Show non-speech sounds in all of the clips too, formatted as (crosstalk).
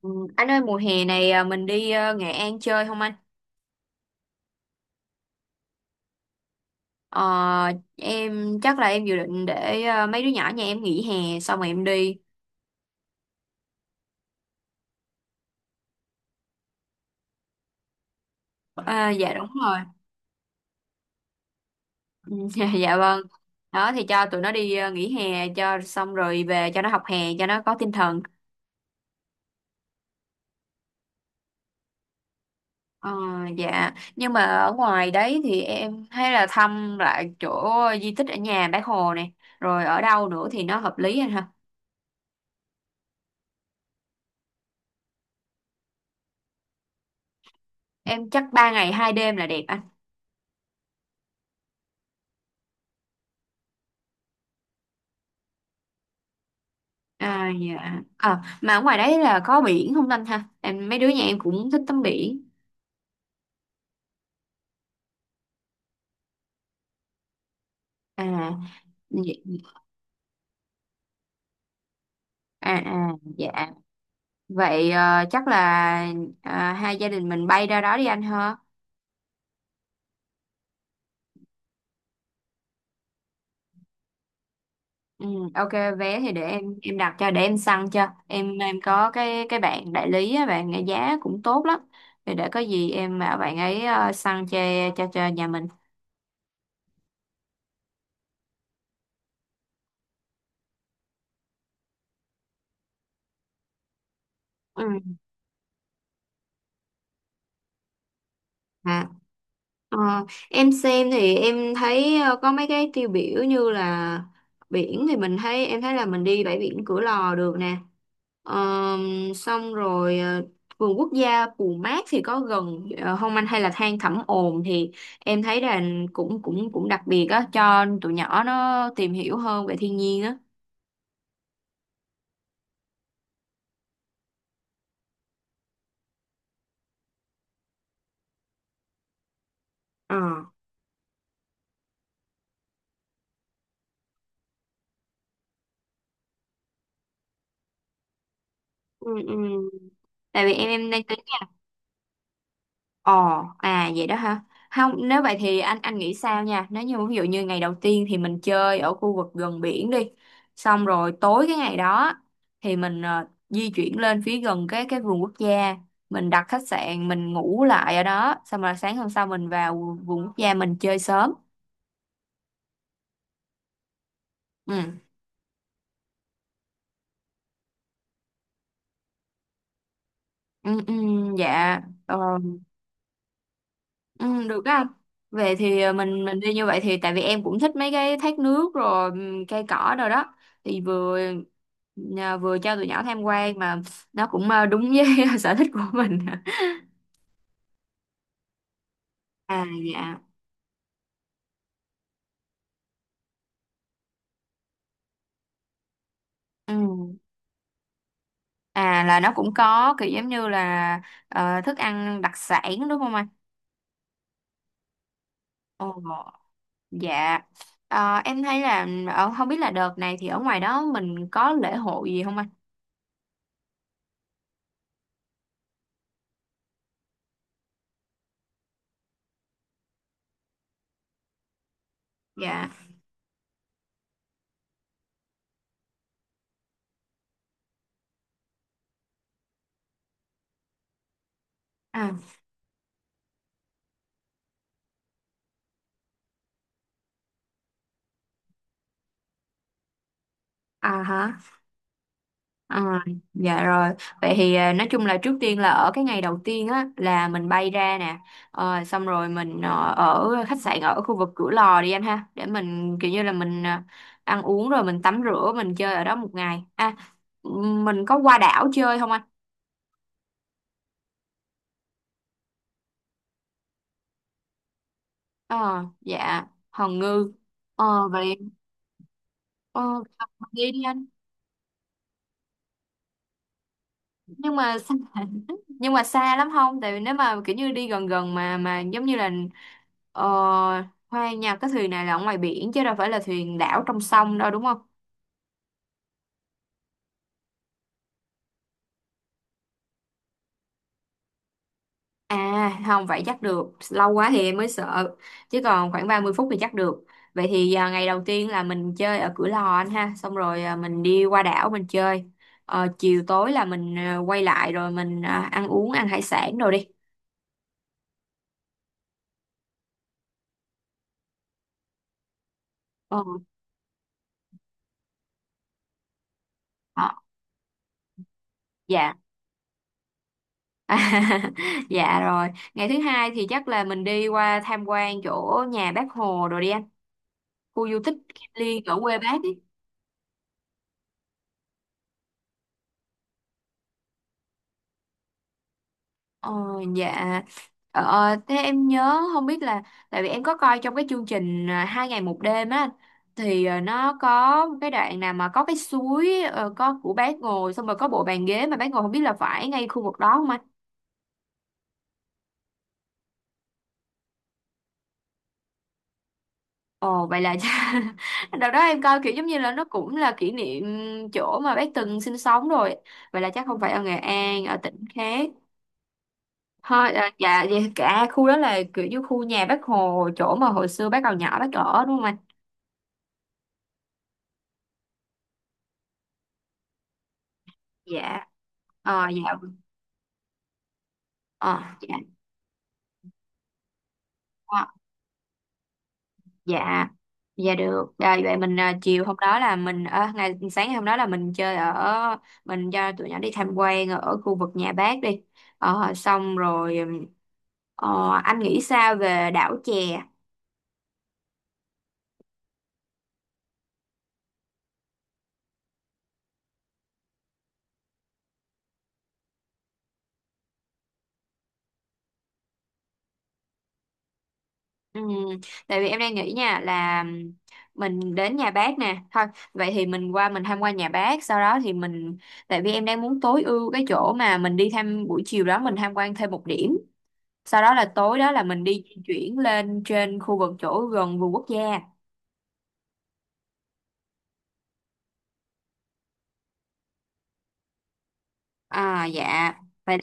Ừ. Anh ơi mùa hè này mình đi Nghệ An chơi không anh? Ờ, em chắc là em dự định để mấy đứa nhỏ nhà em nghỉ hè xong rồi em đi. À, dạ đúng rồi. Ừ. (laughs) Dạ, dạ vâng. Đó thì cho tụi nó đi nghỉ hè cho xong rồi về cho nó học hè cho nó có tinh thần. Ờ, dạ nhưng mà ở ngoài đấy thì em thấy là thăm lại chỗ di tích ở nhà Bác Hồ này, rồi ở đâu nữa thì nó hợp lý anh ha? Em chắc 3 ngày 2 đêm là đẹp anh. À dạ. Ờ mà ở ngoài đấy là có biển không Linh ha? Em, mấy đứa nhà em cũng thích tắm biển. À vậy- à à dạ. Vậy chắc là hai gia đình mình bay ra đó đi anh ha. Ừ, ok, vé thì để em đặt cho, để em săn cho. Em có cái bạn đại lý á, bạn ấy giá cũng tốt lắm. Thì để có gì em bảo bạn ấy săn cho cho nhà mình. Ừ. À, ờ, em xem thì em thấy có mấy cái tiêu biểu như là biển, thì mình thấy em thấy là mình đi bãi biển Cửa Lò được nè. Xong rồi vườn quốc gia Pù Mát thì có gần không anh, hay là than Thẩm Ồn thì em thấy là cũng cũng cũng đặc biệt á cho tụi nhỏ nó tìm hiểu hơn về thiên nhiên á. Ờ. Ừ, ừ. Tại vì em đang. Ồ, à vậy đó hả? Không, nếu vậy thì anh nghĩ sao nha? Nếu như ví dụ như ngày đầu tiên thì mình chơi ở khu vực gần biển đi. Xong rồi tối cái ngày đó thì mình di chuyển lên phía gần cái vườn quốc gia, mình đặt khách sạn, mình ngủ lại ở đó, xong rồi sáng hôm sau mình vào vườn quốc gia mình chơi sớm. Ừ. Ừ, ừ, dạ. Ờ. Ừ, được đó anh. Về thì mình đi như vậy, thì tại vì em cũng thích mấy cái thác nước rồi, cây cỏ rồi đó, thì vừa vừa cho tụi nhỏ tham quan mà nó cũng đúng với (laughs) sở thích của mình. À dạ. Ừ. À, là nó cũng có kiểu giống như là thức ăn đặc sản đúng không anh? Ồ, dạ. Em thấy là không biết là đợt này thì ở ngoài đó mình có lễ hội gì không anh? Dạ. À, à hả? À, dạ rồi. Vậy thì nói chung là trước tiên là ở cái ngày đầu tiên á là mình bay ra nè. Xong rồi mình ở khách sạn ở khu vực Cửa Lò đi anh ha, để mình kiểu như là mình ăn uống rồi mình tắm rửa mình chơi ở đó một ngày. À, mình có qua đảo chơi không anh? Ờ dạ, Hòn Ngư. Vậy ờ, đi đi anh. Nhưng mà (laughs) nhưng mà xa lắm không? Tại vì nếu mà kiểu như đi gần gần mà giống như là ờ, Hoa Nha, cái thuyền này là ở ngoài biển chứ đâu phải là thuyền đảo trong sông đâu, đúng không? À không, vậy chắc được. Lâu quá thì em mới sợ, chứ còn khoảng 30 phút thì chắc được. Vậy thì ngày đầu tiên là mình chơi ở Cửa Lò anh ha, xong rồi mình đi qua đảo mình chơi. Chiều tối là mình quay lại rồi mình ăn uống, ăn hải sản rồi đi. ờ ờ, dạ. À, (laughs) dạ, rồi ngày thứ hai thì chắc là mình đi qua tham quan chỗ nhà bác Hồ rồi đi anh, khu du tích Kim Liên ở quê bác ấy. ờ, dạ. Thế em nhớ, không biết là tại vì em có coi trong cái chương trình 2 ngày 1 đêm á anh, thì nó có một cái đoạn nào mà có cái suối có của bác ngồi, xong rồi có bộ bàn ghế mà bác ngồi, không biết là phải ngay khu vực đó không? Ồ, vậy là (laughs) đợt đó em coi kiểu giống như là nó cũng là kỷ niệm chỗ mà bác từng sinh sống rồi. Vậy là chắc không phải ở Nghệ An, ở tỉnh khác. Thôi à, dạ dạ, cả khu đó là kiểu như khu nhà bác Hồ, chỗ mà hồi xưa bác còn nhỏ bác ở, đúng không anh? Dạ. Dạ. Ờ dạ. Ờ. Dạ, dạ, được vậy mình chiều hôm đó là mình, sáng ngày hôm đó là mình chơi ở mình cho tụi nhỏ đi tham quan ở khu vực nhà bác đi. Xong rồi anh nghĩ sao về đảo chè? Ừm, Tại vì em đang nghĩ nha là mình đến nhà bác nè thôi. Vậy thì mình qua mình tham quan nhà bác, sau đó thì tại vì em đang muốn tối ưu cái chỗ mà mình đi thăm, buổi chiều đó mình tham quan thêm một điểm, sau đó là tối đó là mình đi di chuyển lên trên khu vực chỗ gần vườn quốc gia. Dạ. vậy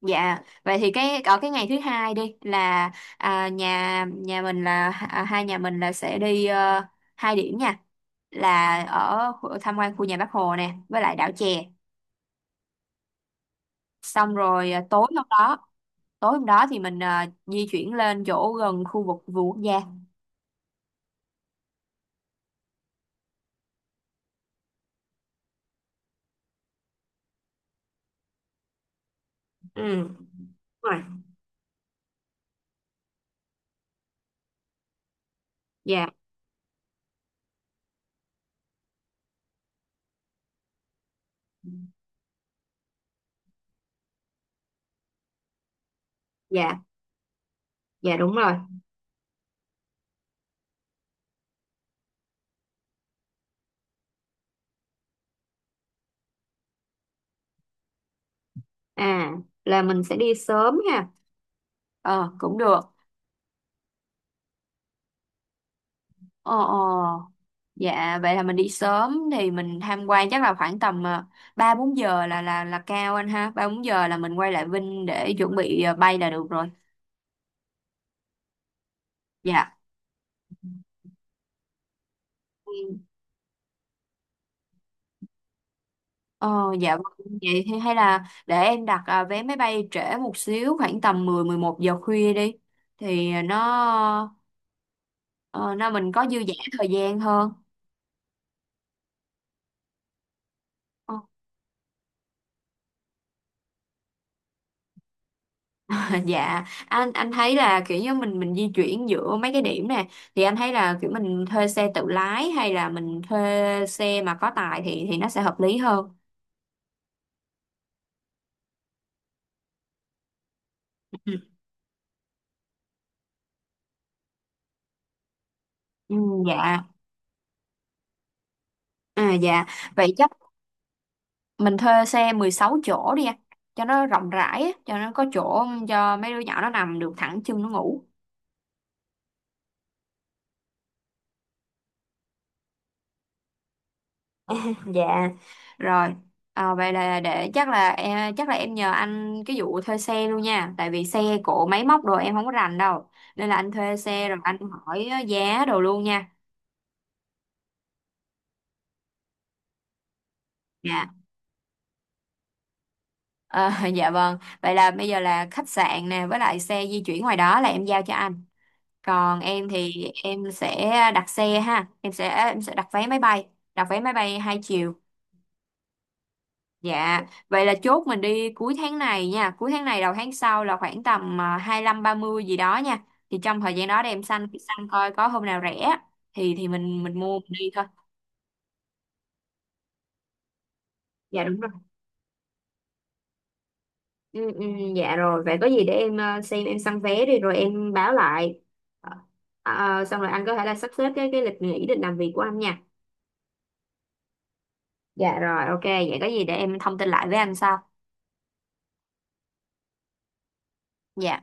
dạ, vậy thì cái ngày thứ hai đi là nhà nhà mình là à, hai nhà mình là sẽ đi hai điểm nha, là ở tham quan khu nhà Bác Hồ nè với lại đảo chè, xong rồi tối hôm đó thì mình di chuyển lên chỗ gần khu vực vườn quốc gia. Ừ, đúng rồi. Dạ, dạ. Dạ, đúng rồi. À, là mình sẽ đi sớm ha? Ờ, cũng được. Ờ, ờ. Dạ, vậy là mình đi sớm thì mình tham quan chắc là khoảng tầm 3 4 giờ là cao anh ha. Ba bốn giờ là mình quay lại Vinh để chuẩn bị bay là được rồi. Dạ. Ừ. Ờ, dạ vâng. Vậy thì hay là để em đặt vé máy bay trễ một xíu, khoảng tầm 10 11 giờ khuya đi, thì nó ờ, nó mình có dư dả thời gian hơn. Ờ. Dạ, anh thấy là kiểu như mình di chuyển giữa mấy cái điểm nè thì anh thấy là kiểu mình thuê xe tự lái hay là mình thuê xe mà có tài, thì nó sẽ hợp lý hơn. (laughs) Ừ. Ừ, dạ. À dạ, vậy chắc mình thuê xe 16 chỗ đi anh, cho nó rộng rãi á, cho nó có chỗ cho mấy đứa nhỏ nó nằm được thẳng chân nó ngủ. Dạ, rồi. Ờ, vậy là để chắc là em nhờ anh cái vụ thuê xe luôn nha, tại vì xe cộ máy móc đồ em không có rành đâu. Nên là anh thuê xe rồi anh hỏi giá đồ luôn nha. Dạ. Ờ, (laughs) dạ vâng. Vậy là bây giờ là khách sạn nè với lại xe di chuyển ngoài đó là em giao cho anh. Còn em thì em sẽ đặt xe ha, em sẽ đặt vé máy bay, hai chiều. Dạ, vậy là chốt mình đi cuối tháng này nha, cuối tháng này đầu tháng sau là khoảng tầm 25 30 gì đó nha. Thì trong thời gian đó để em săn săn coi có hôm nào rẻ thì mình mua mình đi thôi. Dạ đúng rồi. Ừ, ừ, dạ rồi, vậy có gì để em xem em săn vé đi rồi em báo lại. Ờ, Xong rồi anh có thể là sắp xếp cái lịch nghỉ định làm việc của anh nha. Dạ rồi, ok, vậy có gì để em thông tin lại với anh sau. Dạ.